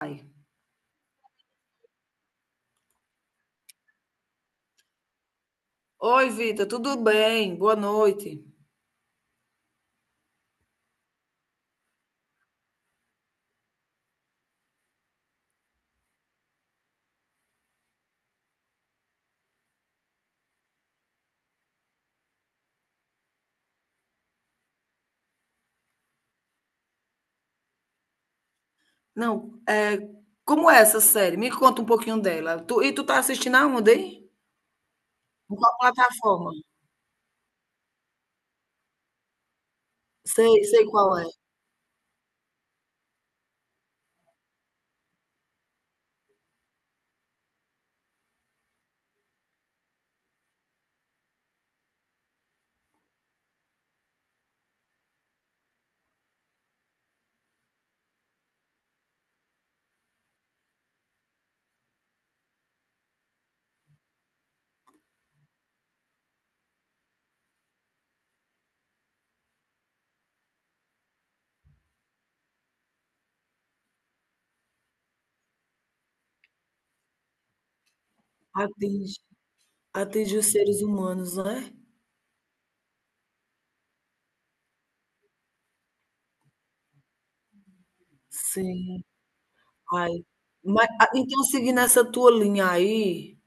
Ai. Oi, Vitor, tudo bem? Boa noite. Não, como é essa série? Me conta um pouquinho dela. E tu tá assistindo aonde, hein? Em qual plataforma? Sei, sei qual é. Atinge, atinge os seres humanos, né? Sim. Ai. Mas, ah, então, seguindo essa tua linha aí,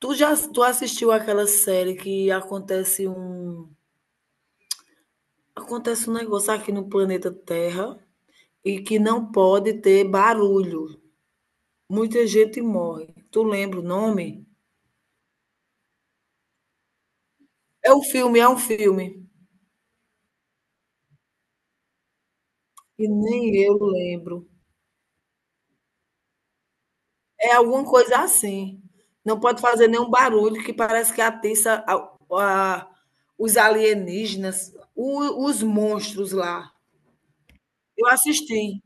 tu assistiu aquela série que acontece um negócio aqui no planeta Terra e que não pode ter barulho. Muita gente morre. Tu lembra o nome? É um filme, é um filme. E nem eu lembro. É alguma coisa assim. Não pode fazer nenhum barulho, que parece que atiça os alienígenas, os monstros lá. Eu assisti.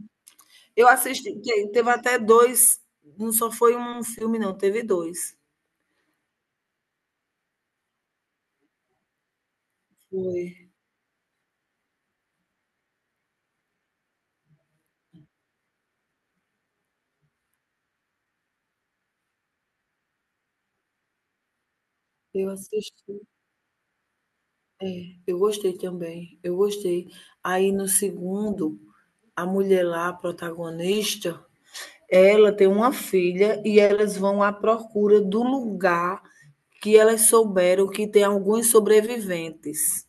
Eu assisti. Teve até dois. Não só foi um filme, não. Teve dois. Foi. Eu assisti. Eu gostei também. Eu gostei. Aí no segundo, a mulher lá, a protagonista, ela tem uma filha e elas vão à procura do lugar que elas souberam que tem alguns sobreviventes.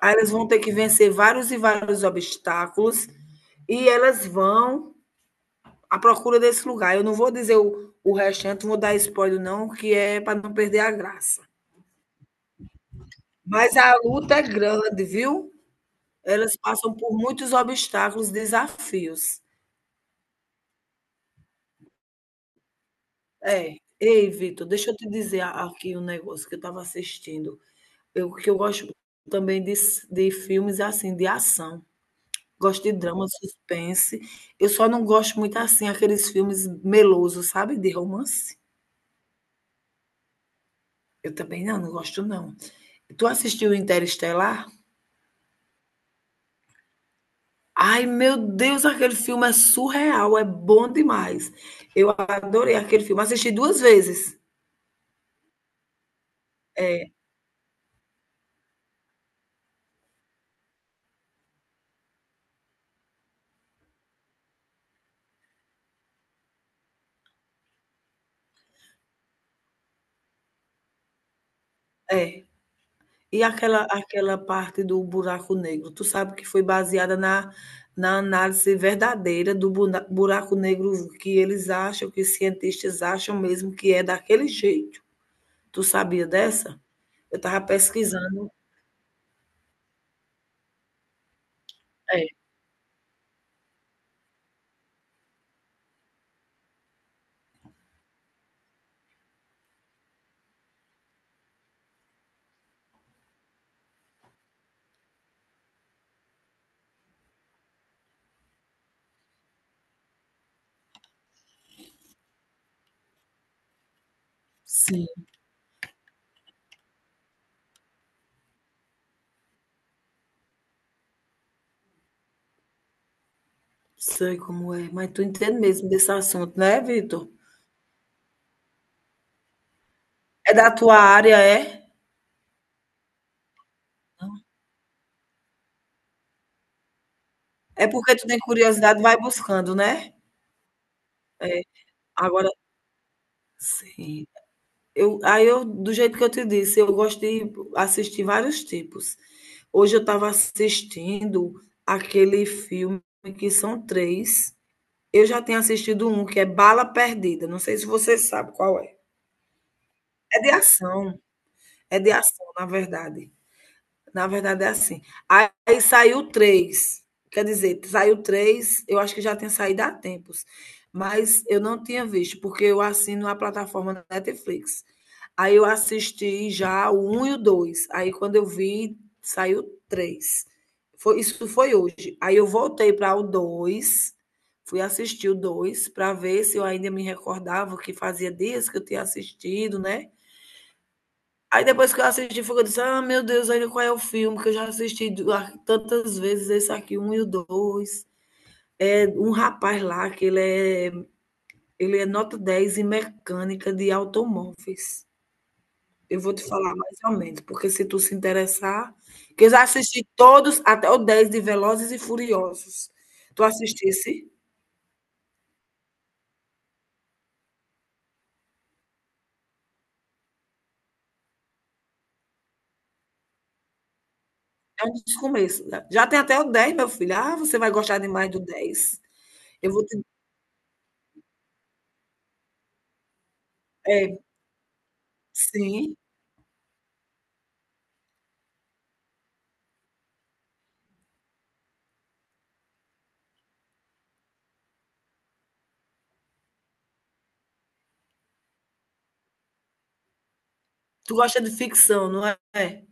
Aí elas vão ter que vencer vários e vários obstáculos e elas vão à procura desse lugar. Eu não vou dizer o restante, não vou dar spoiler, não, que é para não perder a graça. Mas a luta é grande, viu? Elas passam por muitos obstáculos, desafios. É. Ei, Vitor, deixa eu te dizer aqui um negócio que eu estava assistindo. Eu que eu gosto também de filmes, é assim, de ação. Gosto de drama, suspense. Eu só não gosto muito, assim, aqueles filmes melosos, sabe, de romance. Eu também não, não gosto não. Tu assistiu Interestelar? Ai, meu Deus, aquele filme é surreal, é bom demais. Eu adorei aquele filme, assisti 2 vezes. É. E aquela parte do buraco negro, tu sabe que foi baseada na na análise verdadeira do buna buraco negro que eles acham, que os cientistas acham mesmo que é daquele jeito. Tu sabia dessa? Eu estava pesquisando é, sim, sei como é, mas tu entende mesmo desse assunto, né, Vitor? É da tua área, é? É porque tu tem curiosidade, vai buscando, né? É, agora sim. Aí eu, do jeito que eu te disse, eu gosto de assistir vários tipos. Hoje eu estava assistindo aquele filme que são três. Eu já tenho assistido um que é Bala Perdida. Não sei se você sabe qual é. É de ação. É de ação, na verdade. Na verdade é assim. Aí saiu três. Quer dizer, saiu três, eu acho que já tem saído há tempos. Mas eu não tinha visto, porque eu assino a plataforma Netflix. Aí eu assisti já o um e o 2. Aí quando eu vi, saiu 3. Foi, isso foi hoje. Aí eu voltei para o 2, fui assistir o 2 para ver se eu ainda me recordava, que fazia dias que eu tinha assistido, né? Aí depois que eu assisti, foi que eu disse: Ah, meu Deus, olha qual é o filme que eu já assisti, tantas vezes, esse aqui, um e o dois. É um rapaz lá que ele é nota 10 em mecânica de automóveis. Eu vou te falar mais ou menos, porque se tu se interessar, que eu já assisti todos, até o 10 de Velozes e Furiosos. Tu assistisse? É um dos começos, né? Já tem até o dez, meu filho. Ah, você vai gostar demais do 10. Eu vou te... É, sim. Tu gosta de ficção, não é? É.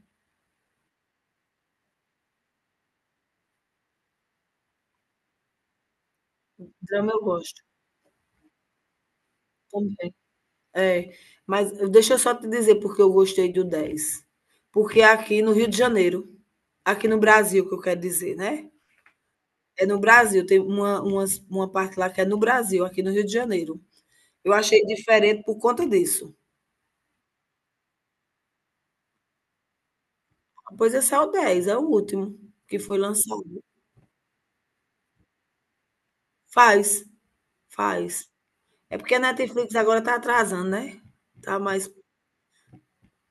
Drama eu gosto também. É. Mas deixa eu só te dizer porque eu gostei do dez. Porque é aqui no Rio de Janeiro, aqui no Brasil, que eu quero dizer, né? É no Brasil, tem uma parte lá que é no Brasil, aqui no Rio de Janeiro. Eu achei diferente por conta disso. Pois esse é o dez é o último que foi lançado. Faz, faz. É porque a Netflix agora está atrasando, né? Tá mais,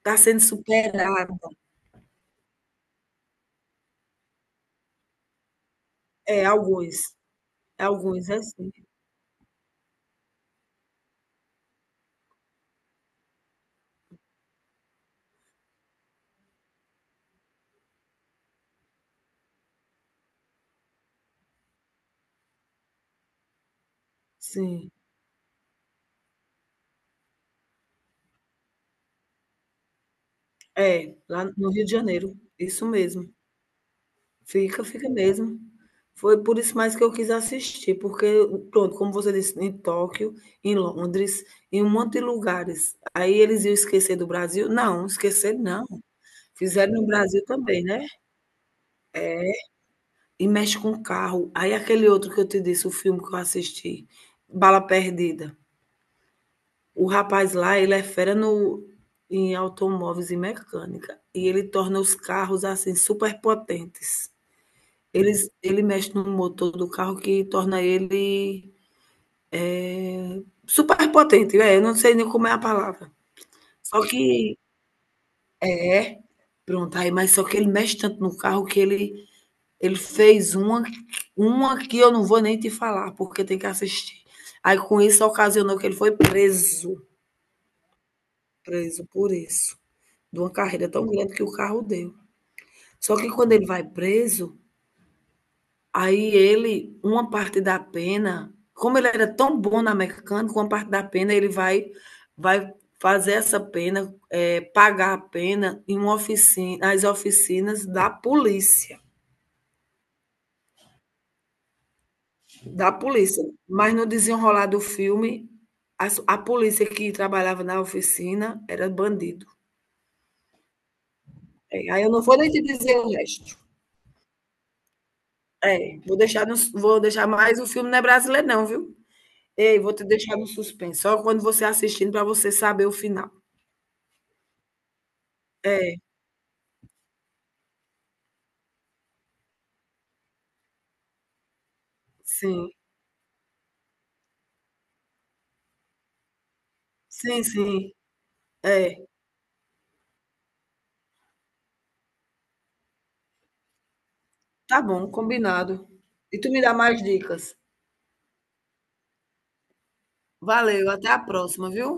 tá sendo superada. É, alguns. Alguns, é sim. Sim. É, lá no Rio de Janeiro. Isso mesmo. Fica, fica mesmo. Foi por isso mais que eu quis assistir, porque, pronto, como você disse, em Tóquio, em Londres, em um monte de lugares. Aí eles iam esquecer do Brasil? Não, esquecer não. Fizeram no Brasil também, né? E mexe com carro. Aí aquele outro que eu te disse, o filme que eu assisti, Bala Perdida. O rapaz lá, ele é fera no, em automóveis e mecânica. E ele torna os carros, assim, super potentes. Ele mexe no motor do carro que torna ele super potente, é, eu não sei nem como é a palavra. Só que é, pronto, aí mas só que ele mexe tanto no carro que ele fez uma que eu não vou nem te falar, porque tem que assistir. Aí com isso ocasionou que ele foi preso, preso por isso, de uma carreira tão grande que o carro deu. Só que quando ele vai preso, aí ele, uma parte da pena, como ele era tão bom na mecânica, uma parte da pena ele vai fazer essa pena, pagar a pena em uma oficina, nas oficinas da polícia, da polícia. Mas no desenrolar do filme, as a polícia que trabalhava na oficina era bandido. É, aí eu não vou nem te dizer o resto. É, vou deixar mais, o filme não é brasileiro não, viu. Ei, vou te deixar no suspense, só quando você assistindo para você saber o final. É, sim. Sim, sim. É, tá bom, combinado. E tu me dá mais dicas. Valeu, até a próxima, viu?